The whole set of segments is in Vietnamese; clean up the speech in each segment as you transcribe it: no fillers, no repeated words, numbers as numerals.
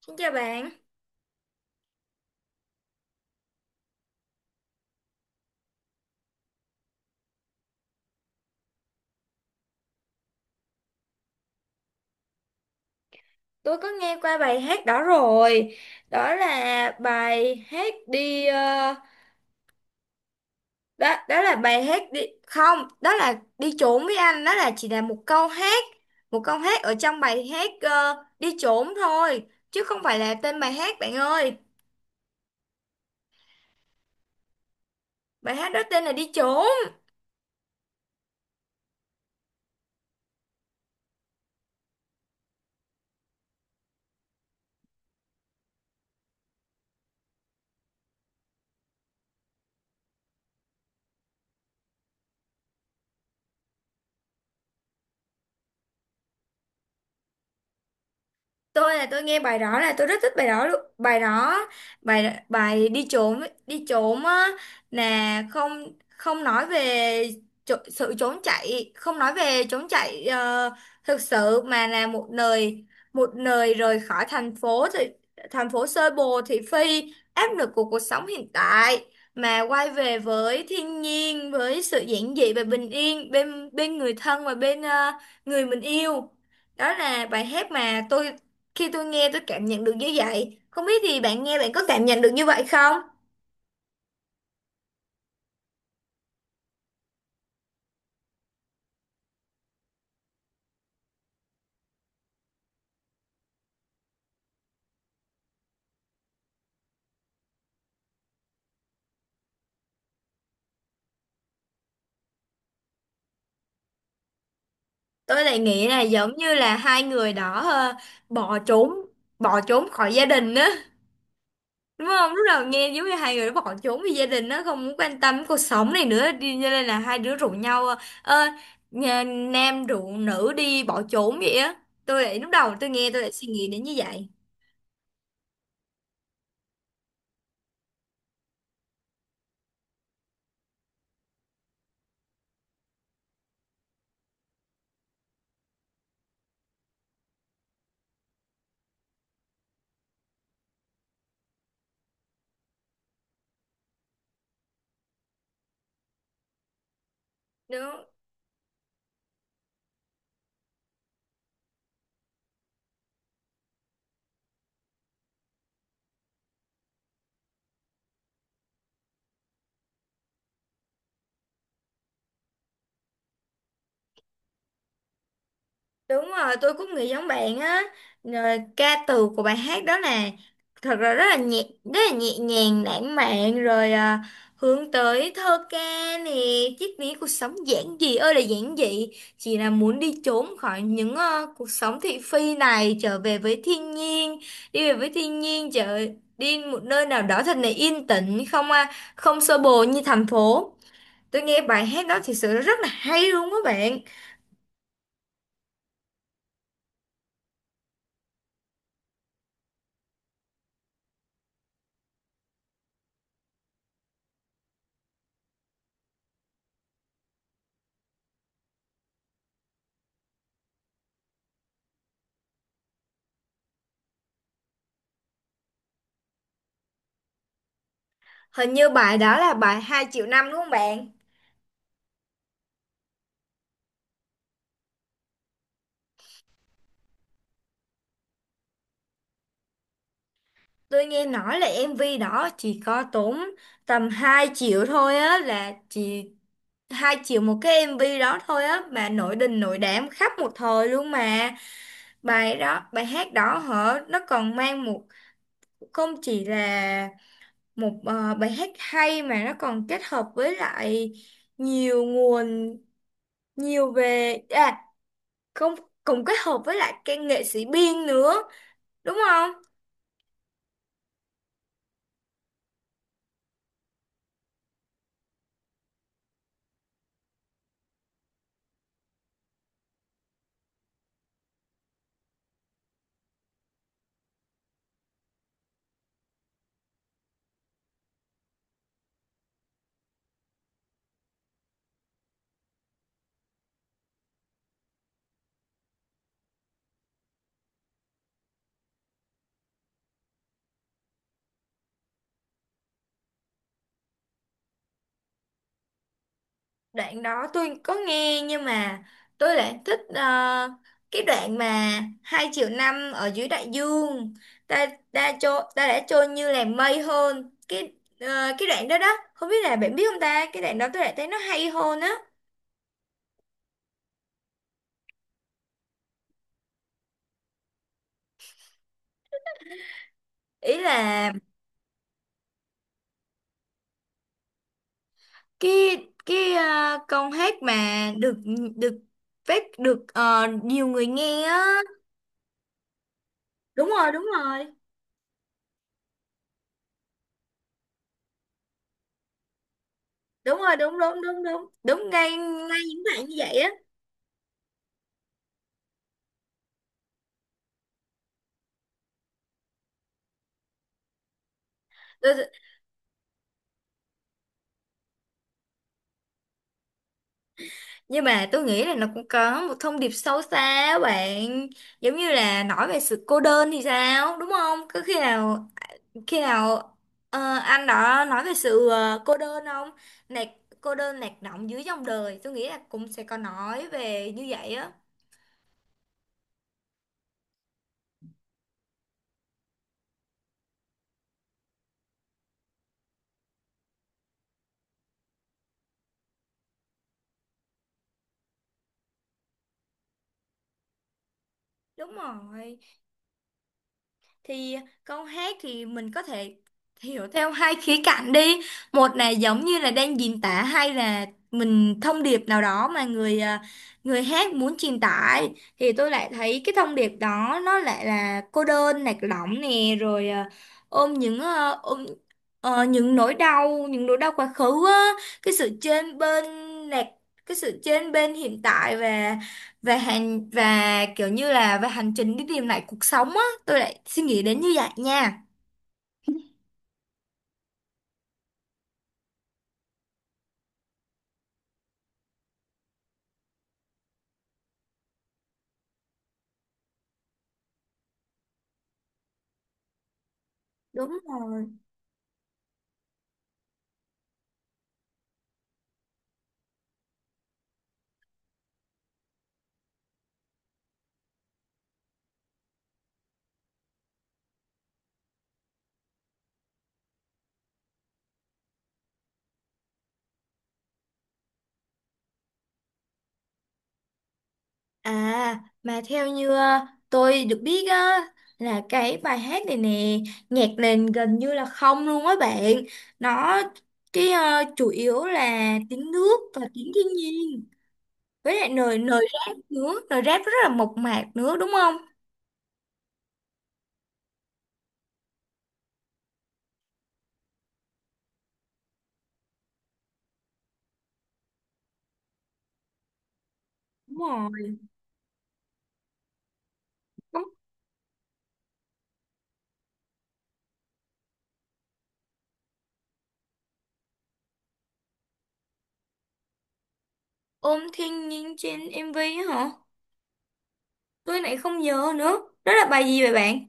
Xin chào bạn, tôi có nghe qua bài hát đó rồi. Đó là bài hát đó đó là bài hát đi không, đó là đi trốn với anh, đó là chỉ là một câu hát ở trong bài hát đi trốn thôi, chứ không phải là tên bài hát bạn ơi. Bài hát đó tên là đi trốn. Tôi nghe bài đó là tôi rất thích bài đó luôn, bài đó, bài bài đi trốn, đi trốn á, là không không nói về sự trốn chạy, không nói về trốn chạy, thực sự mà là một nơi, một nơi rời khỏi thành phố, thì thành phố xô bồ thị phi áp lực của cuộc sống hiện tại mà quay về với thiên nhiên, với sự giản dị và bình yên bên bên người thân và bên người mình yêu. Đó là bài hát mà tôi, khi tôi nghe tôi cảm nhận được như vậy, không biết thì bạn nghe bạn có cảm nhận được như vậy không? Tôi lại nghĩ là giống như là hai người đó bỏ trốn, bỏ trốn khỏi gia đình á. Đúng không? Lúc đầu nghe giống như hai người đó bỏ trốn vì gia đình, nó không muốn quan tâm cuộc sống này nữa, đi cho nên là hai đứa rủ nhau, ơ, nam rủ nữ đi bỏ trốn vậy á. Tôi lại lúc đầu tôi nghe tôi lại suy nghĩ đến như vậy. Đúng. Đúng rồi, tôi cũng nghĩ giống bạn á. Rồi, ca từ của bài hát đó nè, thật ra rất là nhẹ nhàng, lãng mạn, rồi à, hướng tới thơ ca nè, triết lý cuộc sống giản dị ơi là giản dị, chỉ là muốn đi trốn khỏi những cuộc sống thị phi này, trở về với thiên nhiên, đi về với thiên nhiên, đi một nơi nào đó thật là yên tĩnh, không à, không xô bồ như thành phố. Tôi nghe bài hát đó thì sự rất là hay luôn các bạn. Hình như bài đó là bài 2 triệu năm đúng không bạn? Tôi nghe nói là MV đó chỉ có tốn tầm 2 triệu thôi á, là chỉ 2 triệu một cái MV đó thôi á, mà nổi đình nổi đám khắp một thời luôn mà. Bài đó, bài hát đó hả? Nó còn mang một, không chỉ là một bài hát hay mà nó còn kết hợp với lại nhiều nguồn, nhiều về à, không, cùng kết hợp với lại cái nghệ sĩ biên nữa, đúng không? Đoạn đó tôi có nghe nhưng mà tôi lại thích cái đoạn mà 2 triệu năm ở dưới đại dương, ta, ta trôi, ta đã trôi như là mây hơn, cái ờ, cái đoạn đó đó, không biết là bạn biết không ta, cái đoạn đó tôi lại thấy nó hay hơn á. Ý là cái cái câu hát mà được được phát được nhiều người nghe á. đúng rồi đúng rồi Đúng rồi, đúng đúng đúng đúng đúng ngay ngay những bạn như vậy á. Tôi Nhưng mà tôi nghĩ là nó cũng có một thông điệp sâu xa á bạn. Giống như là nói về sự cô đơn thì sao, đúng không? Có khi nào, khi nào anh đó nói về sự cô đơn không? Nạc, cô đơn lạc lõng dưới dòng đời, tôi nghĩ là cũng sẽ có nói về như vậy á. Đúng rồi, thì câu hát thì mình có thể hiểu theo hai khía cạnh đi, một là giống như là đang diễn tả hay là mình thông điệp nào đó mà người à, người hát muốn truyền tải, thì tôi lại thấy cái thông điệp đó nó lại là cô đơn lạc lõng nè, rồi à, ôm những những nỗi đau, những nỗi đau quá khứ á, cái sự chênh bên, lạc, cái sự chênh bên hiện tại và hành, và kiểu như là về hành trình đi tìm lại cuộc sống á. Tôi lại suy nghĩ đến như vậy nha. Đúng rồi, à mà theo như tôi được biết á, là cái bài hát này nè, nhạc nền gần như là không luôn á bạn, nó cái chủ yếu là tiếng nước và tiếng thiên nhiên, với lại lời lời rap nữa, lời rap rất là mộc mạc nữa, đúng không? Đúng rồi. Ôm, ôm thiên nhiên trên MV á hả, tôi lại không nhớ nữa, đó là bài gì vậy bạn?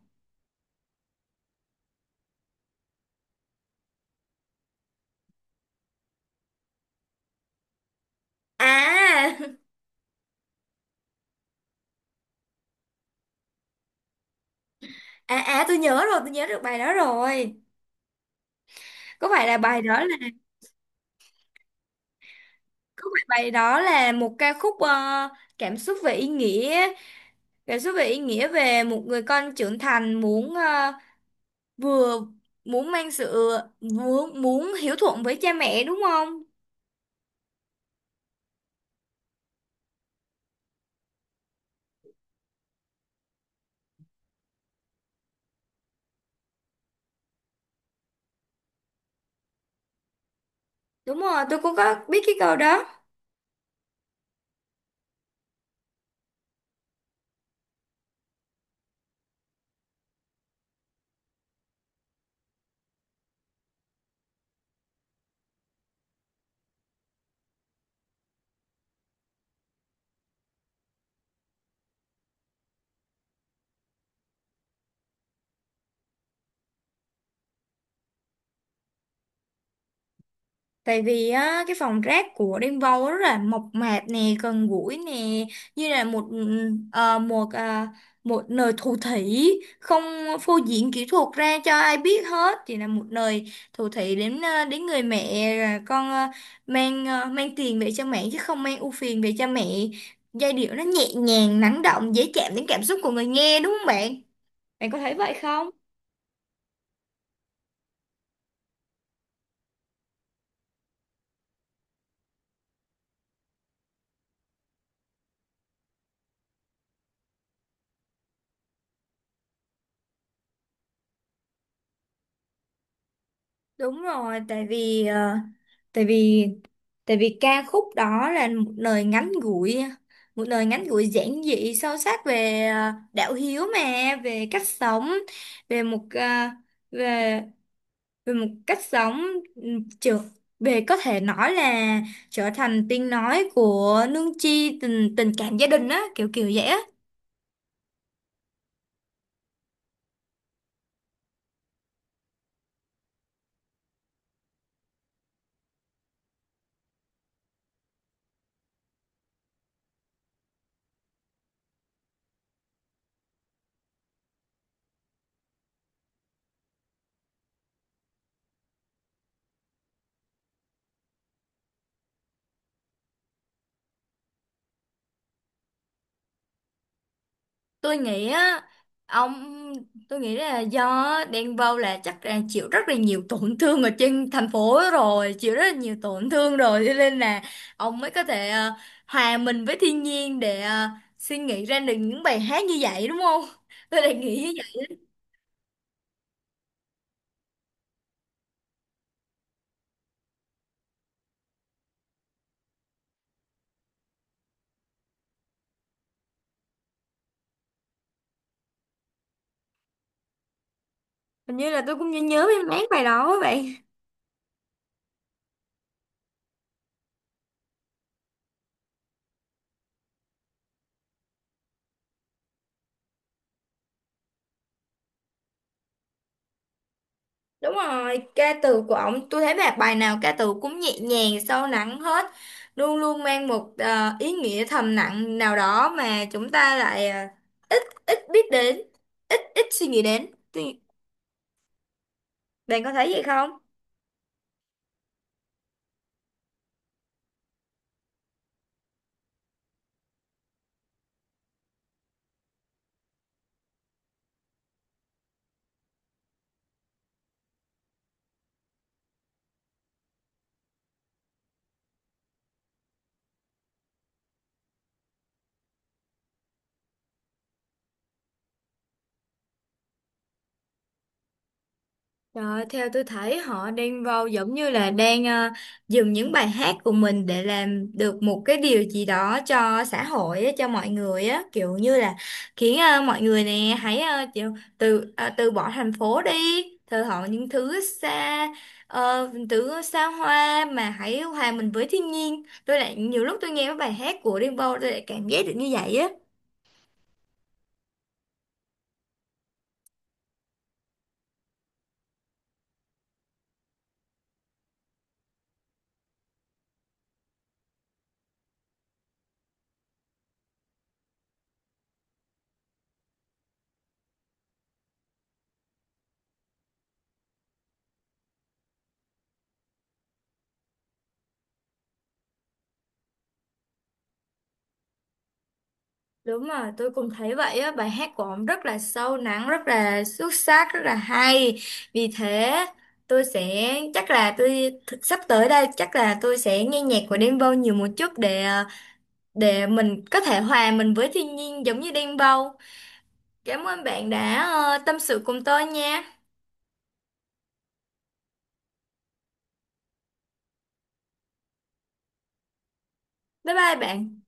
À. à, à tôi nhớ rồi, tôi nhớ được bài đó rồi. Có phải là bài đó là, có phải bài đó là một ca khúc cảm xúc về ý nghĩa, cảm xúc về ý nghĩa về một người con trưởng thành muốn vừa, muốn mang sự, muốn muốn hiếu thuận với cha mẹ, đúng không? Đúng rồi, tôi cũng có biết cái câu đó. Tại vì á, cái phòng rác của Rainbow rất là mộc mạc nè, gần gũi nè, như là một một à, một nơi thủ thỉ, không phô diễn kỹ thuật ra cho ai biết hết, chỉ là một nơi thủ thỉ đến đến người mẹ, là con, mang tiền về cho mẹ chứ không mang ưu phiền về cho mẹ. Giai điệu nó nhẹ nhàng, lắng động, dễ chạm đến cảm xúc của người nghe, đúng không bạn? Bạn có thấy vậy không? Đúng rồi, tại vì tại vì tại vì ca khúc đó là một lời ngắn gủi, một lời ngắn gủi giản dị sâu sắc về đạo hiếu mà, về cách sống, về một ờ, về về một cách sống, trượt, về có thể nói là trở thành tiếng nói của nương chi, tình tình cảm gia đình á, kiểu kiểu vậy á. Tôi nghĩ á, ông tôi nghĩ là do Denver là chắc là chịu rất là nhiều tổn thương ở trên thành phố rồi, chịu rất là nhiều tổn thương rồi, cho nên là ông mới có thể hòa mình với thiên nhiên để suy nghĩ ra được những bài hát như vậy đúng không, tôi lại nghĩ như vậy. Hình như là tôi cũng nhớ, nhớ mấy bài đó vậy. Đúng rồi, ca từ của ông tôi thấy bài bài nào ca từ cũng nhẹ nhàng, sâu lắng hết, luôn luôn mang một ý nghĩa thầm lặng nào đó mà chúng ta lại ít ít biết đến, ít ít suy nghĩ đến. Tuy- Bạn có thấy vậy không? Đó, theo tôi thấy họ đang vào giống như là đang dùng những bài hát của mình để làm được một cái điều gì đó cho xã hội á, cho mọi người á, kiểu như là khiến mọi người nè hãy từ bỏ thành phố đi, thờ họ những thứ xa, thứ xa hoa mà hãy hòa mình với thiên nhiên. Tôi lại nhiều lúc tôi nghe cái bài hát của Đen Vâu tôi lại cảm giác được như vậy á. Đúng rồi, tôi cũng thấy vậy á, bài hát của ông rất là sâu lắng, rất là xuất sắc, rất là hay. Vì thế, tôi sẽ chắc là tôi sắp tới đây chắc là tôi sẽ nghe nhạc của Đen Vâu nhiều một chút, để để mình có thể hòa mình với thiên nhiên giống như Đen Vâu. Cảm ơn bạn đã tâm sự cùng tôi nha. Bye bye bạn.